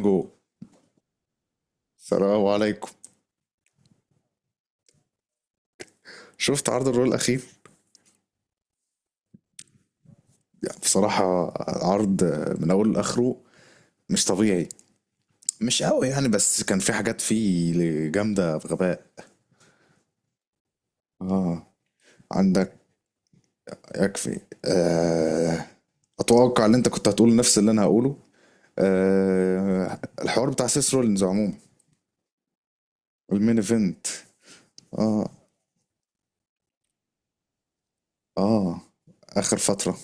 جو، السلام عليكم. شفت عرض الرول الاخير؟ بصراحه، عرض من اوله لاخره مش طبيعي. مش قوي يعني، بس كان في حاجات فيه جامده بغباء. اه، عندك. يكفي. آه، اتوقع ان انت كنت هتقول نفس اللي انا هقوله. آه، الحوار بتاع سيس رولينز عموما المين ايفنت. اه اه، اخر فتره.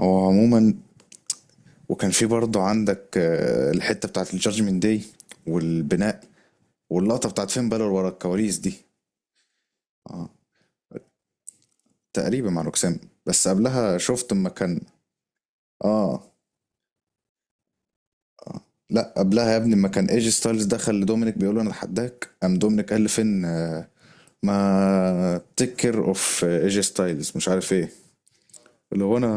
هو عموما وكان في برضه عندك آه، الحته بتاعت الجادجمنت داي والبناء واللقطة بتاعت فين بالور ورا الكواليس دي. اه، تقريبا مع روكسان. بس قبلها شفت اما كان. اه. آه. لا قبلها يا ابني، اما كان ايجي ستايلز دخل لدومينيك بيقول له انا اتحداك، قام دومينيك قال لفين آه، ما تكر اوف ايجي ستايلز مش عارف ايه، اللي هو انا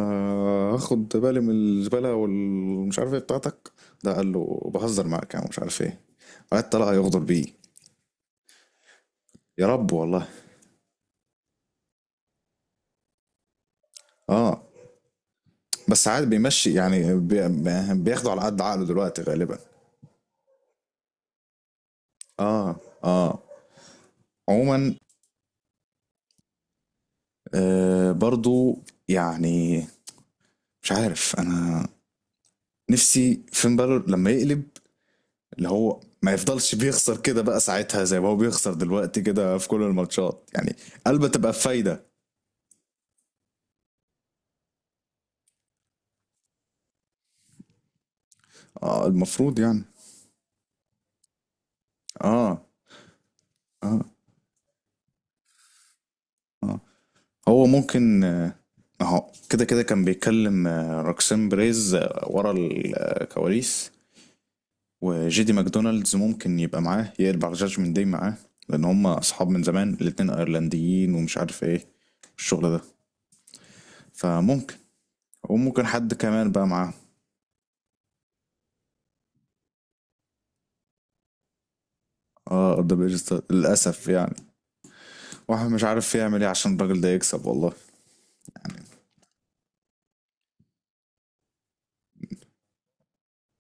هاخد بالي من الزباله والمش عارف ايه بتاعتك، ده قال له بهزر معاك يعني مش عارف ايه. وقعد طلع يغدر بيه. يا رب والله. اه. بس عاد بيمشي يعني بياخده على قد عقله دلوقتي غالبا. اه اه. عموما آه برضو، يعني مش عارف انا، نفسي فين بالور لما يقلب، اللي هو ما يفضلش بيخسر كده بقى ساعتها زي ما هو بيخسر دلوقتي كده في كل الماتشات يعني. قلبه تبقى بفايدة. اه، المفروض يعني. اه اه اه. هو ممكن آه، اهو كده كده كان بيتكلم آه، روكسين بريز آه، ورا الكواليس، وجيدي ماكدونالدز ممكن يبقى معاه، يا البعجاج من داي معاه، لان هما اصحاب من زمان، الاتنين ايرلنديين ومش عارف ايه الشغل ده. فممكن، وممكن حد كمان بقى معاه. اه، ده بيرستا للاسف يعني. واحد مش عارف يعمل ايه عشان الراجل ده يكسب والله، يعني.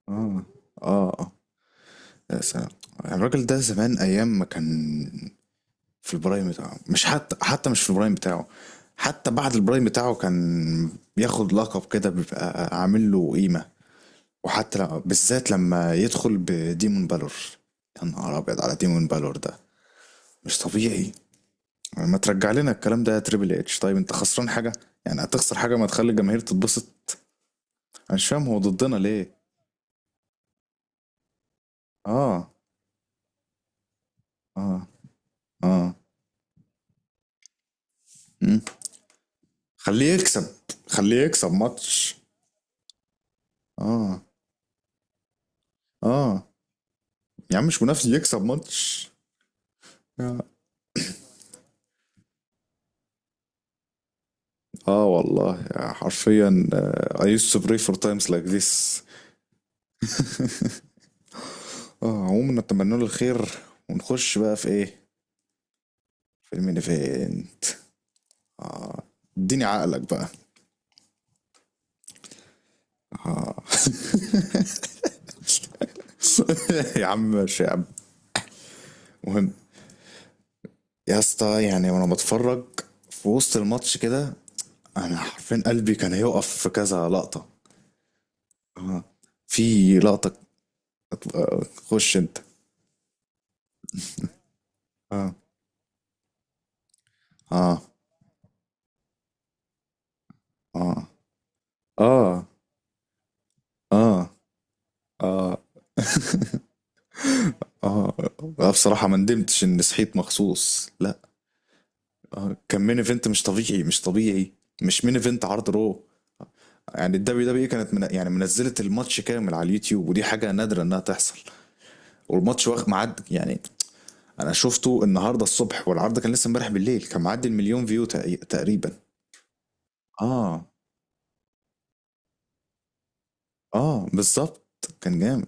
اه اه اه. يا سلام، الراجل ده زمان ايام ما كان في البرايم بتاعه، مش حتى مش في البرايم بتاعه، حتى بعد البرايم بتاعه كان بياخد لقب كده بيبقى عامل له قيمة، وحتى لما بالذات لما يدخل بديمون بالور. يا نهار ابيض على ديمون بالور ده، مش طبيعي. يعني ما ترجع لنا الكلام ده يا تريبل اتش، طيب انت خسران حاجه يعني؟ هتخسر حاجه ما تخلي الجماهير تتبسط؟ انا مش فاهم هو ضدنا ليه. اه اه اه. مم. خليه يكسب، خليه يكسب ماتش. اه اه. يا عم مش منافس، يكسب ماتش. يا- اه والله يا حرفيا آه، I used to pray for times like this. اه، عموما نتمنى له الخير، ونخش بقى في ايه، فيلم ايفنت. آه. اديني عقلك بقى. آه. يا عم ماشي يا عم. مهم، يا اسطى، يعني وانا بتفرج في وسط الماتش كده، انا حرفيا قلبي كان هيقف في كذا لقطة. آه. في لقطة آه، خش انت. اه اه اه اه اه اه اه. لا بصراحة ما ندمتش اني صحيت مخصوص، لا. آه. كان مين ايفنت مش طبيعي، مش طبيعي، مش مين ايفنت، عرض رو. يعني الدبليو دبليو كانت من يعني منزله الماتش كامل على اليوتيوب، ودي حاجه نادره انها تحصل. والماتش واخد معد يعني. انا شفته النهارده الصبح، والعرض كان لسه امبارح بالليل، كان معدي المليون فيو تقريبا. اه اه بالظبط، كان جامد.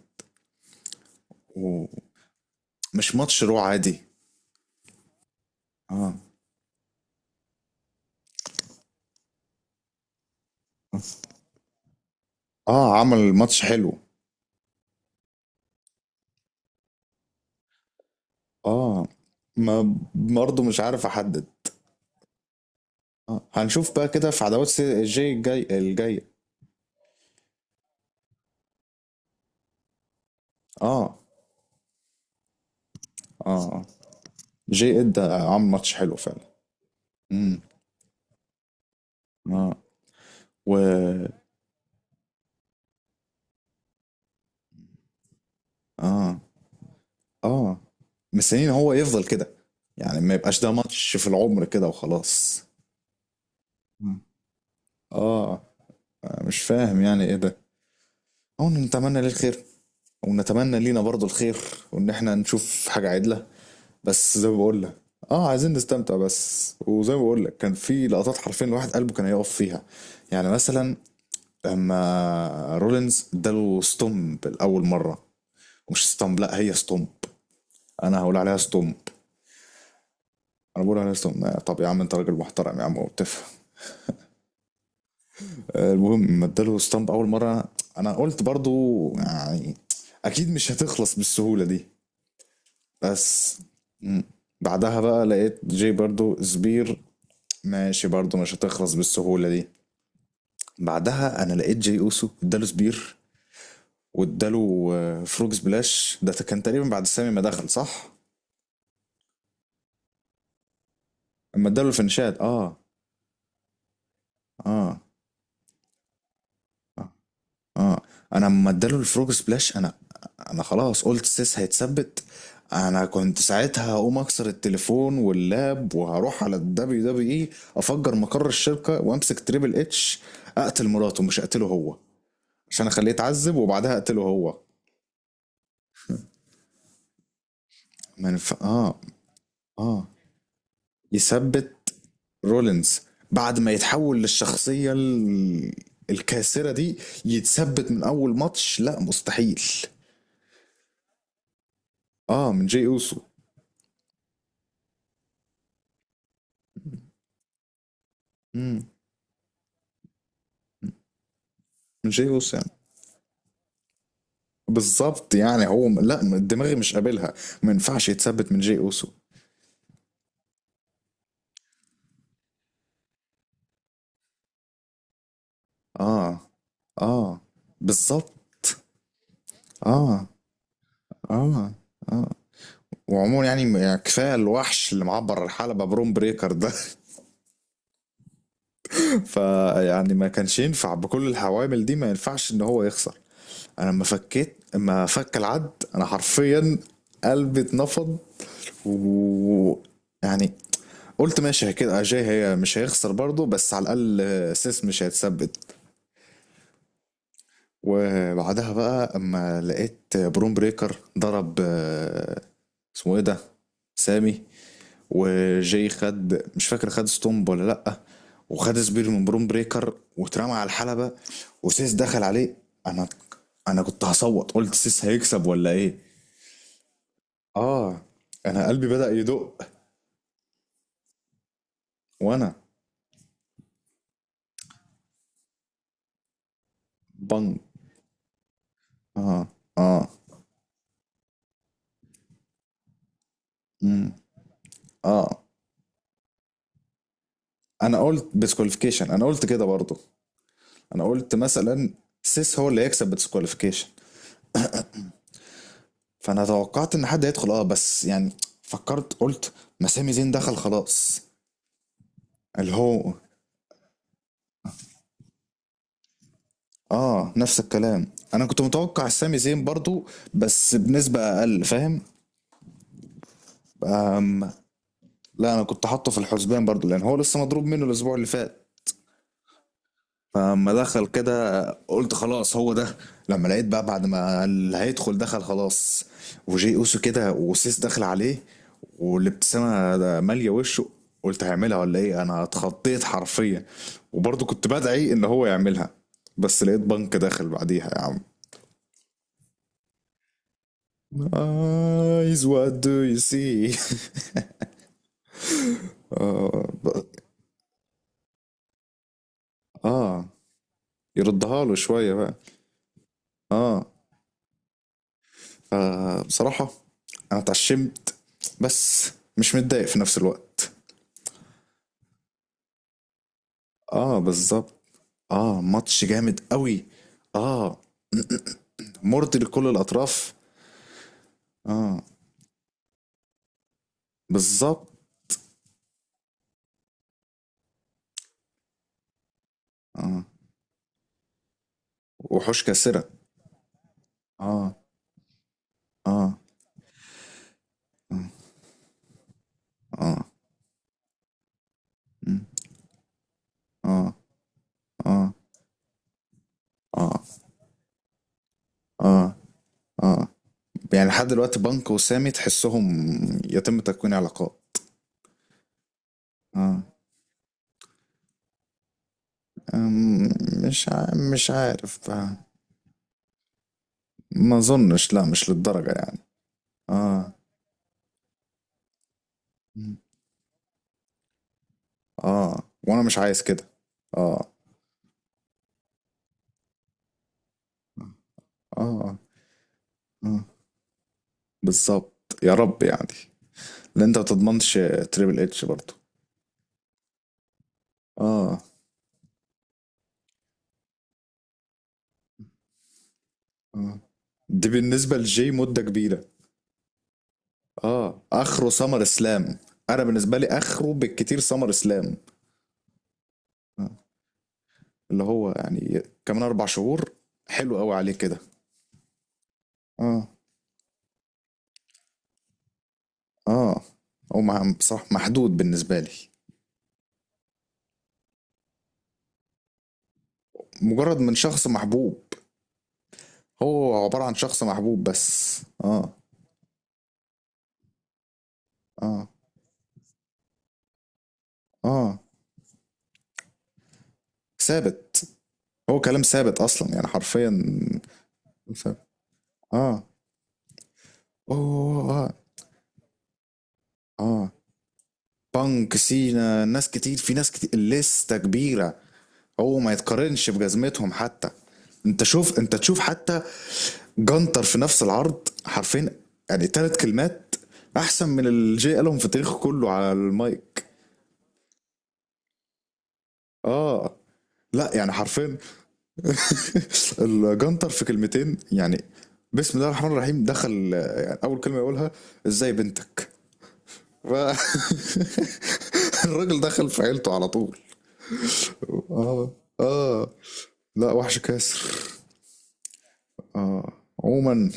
ومش ماتش رو عادي. اه اه، عمل ماتش حلو. اه، ما برضه مش عارف احدد. آه. هنشوف بقى كده في عداوات جي الجاي الجايه. اه اه. آه. جي اد عمل ماتش حلو فعلا. امم. اه. و اه اه، مستنيين هو يفضل كده، يعني ما يبقاش ده ماتش في العمر كده وخلاص. مم. اه، مش فاهم يعني ايه ده. او نتمنى ليه الخير، ونتمنى لينا برضو الخير، وان احنا نشوف حاجة عدلة. بس زي ما بقول لك، اه عايزين نستمتع بس، وزي ما بقول لك كان في لقطات حرفيا الواحد قلبه كان هيقف فيها. يعني مثلا لما رولينز اداله ستومب الاول مرة، مش ستومب لا هي ستومب، انا هقول عليها ستومب، انا بقول على اسطم. طب يا عم انت راجل محترم يا عم وبتفهم. آه، المهم لما اداله ستامب اول مره، انا قلت برضو يعني اكيد مش هتخلص بالسهوله دي. بس. مم. بعدها بقى لقيت جاي برضو سبير، ماشي برضو مش هتخلص بالسهوله دي. بعدها انا لقيت جاي اوسو اداله سبير، واداله آه، فروج سبلاش، ده كان تقريبا بعد سامي ما دخل، صح؟ اما اداله الفنشات، اه اه اه. انا اما اداله الفروج سبلاش، انا، انا خلاص قلت سيس هيتثبت. انا كنت ساعتها هقوم اكسر التليفون واللاب، وهروح على الدبليو دبليو اي افجر مقر الشركه، وامسك تريبل اتش، اقتل مراته مش اقتله هو عشان اخليه يتعذب وبعدها اقتله هو، ما ينفع اه اه يثبت رولينز بعد ما يتحول للشخصيه الكاسره دي. يتثبت من اول ماتش؟ لا مستحيل. اه، من جاي اوسو. امم، من جاي اوسو يعني. بالظبط يعني، لا دماغي مش قابلها، ما ينفعش يتثبت من جي اوسو. اه اه بالظبط. اه اه اه. وعموما يعني يعني كفايه الوحش اللي معبر الحلبه بروم بريكر ده. فيعني ما كانش ينفع بكل العوامل دي ما ينفعش ان هو يخسر. انا لما فكيت، لما فك العد، انا حرفيا قلبي اتنفض. و يعني، قلت ماشي كده اجاي هي مش هيخسر برضه، بس على الاقل سيس مش هيتثبت. وبعدها بقى اما لقيت بروم بريكر ضرب آه، اسمه ايه ده، سامي، وجاي خد، مش فاكر خد ستومب ولا لأ، وخد سبير من بروم بريكر واترمى على الحلبة. وسيس دخل عليه. انا، انا كنت هصوت، قلت سيس هيكسب ولا ايه. اه، انا قلبي بدأ يدق. وانا. بنج. اه اه. مم. اه، انا قلت بسكواليفيكيشن، انا قلت كده برضه. انا قلت مثلا سيس هو اللي هيكسب بسكواليفيكيشن. فانا توقعت ان حد هيدخل اه، بس يعني فكرت قلت ما سامي زين دخل خلاص، اللي هو. اه، نفس الكلام انا كنت متوقع سامي زين برضو، بس بنسبة اقل، فاهم. أم. لا انا كنت حاطه في الحسبان برضو لان هو لسه مضروب منه الاسبوع اللي فات. فلما دخل كده قلت خلاص هو ده. لما لقيت بقى بعد ما اللي هيدخل دخل خلاص، وجي اوسو كده، وسيس دخل عليه والابتسامه ده ماليه وشه، قلت هيعملها ولا ايه، انا اتخضيت حرفيا. وبرضه كنت بدعي ان هو يعملها. بس لقيت بنك داخل بعديها يا عم. eyes what do you see. اه, ب- آه، يردها له شويه بقى. اه، فبصراحة أنا اتعشمت، بس مش متضايق في نفس الوقت. اه بالظبط. اه ماتش جامد قوي. اه، مرضي لكل الأطراف. اه بالظبط. اه، وحوش كاسرة. اه اه اه اه. مم. اه اه اه اه اه. يعني لحد دلوقتي بانكو وسامي تحسهم يتم تكوين علاقات. اه. أم، مش ع... مش عارف بقى. ما اظنش، لا مش للدرجة يعني. اه. مم. اه، وانا مش عايز كده. اه اه اه بالظبط. يا رب يعني. لان انت ما تضمنش تريبل اتش برضه. اه اه. دي بالنسبه لجي مده كبيره. اه، اخره سمر اسلام. انا بالنسبه لي اخره بالكتير سمر اسلام. آه. اللي هو يعني كمان 4 شهور حلو قوي عليه كده. اه اه. هو بصراحه محدود بالنسبه لي. مجرد من شخص محبوب. هو عباره عن شخص محبوب بس. اه اه اه. ثابت. هو كلام ثابت اصلا يعني حرفيا ثابت. اه. اوه اه. اه. بانك، سينا، ناس كتير، في ناس كتير لسه كبيره. هو ما يتقارنش بجزمتهم حتى. انت شوف، انت تشوف حتى جنتر في نفس العرض حرفيا، يعني ثلاث كلمات احسن من اللي جاي قالهم في تاريخه كله على المايك. اه. لا يعني حرفيا، الجنتر في كلمتين يعني، بسم الله الرحمن الرحيم دخل يعني اول كلمه يقولها ازاي بنتك. ف- الراجل دخل في عيلته على طول. اه اه. لا وحش كاسر. اه. عموما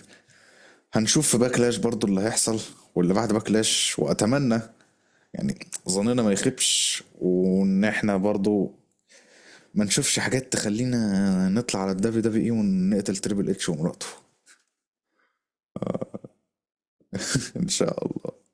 هنشوف في باكلاش برضو اللي هيحصل، واللي بعد باكلاش. واتمنى يعني ظننا ما يخيبش، وان احنا برضو ما نشوفش حاجات تخلينا نطلع على الدبليو دبليو اي ونقتل تريبل اتش ومراته. ان شاء الله.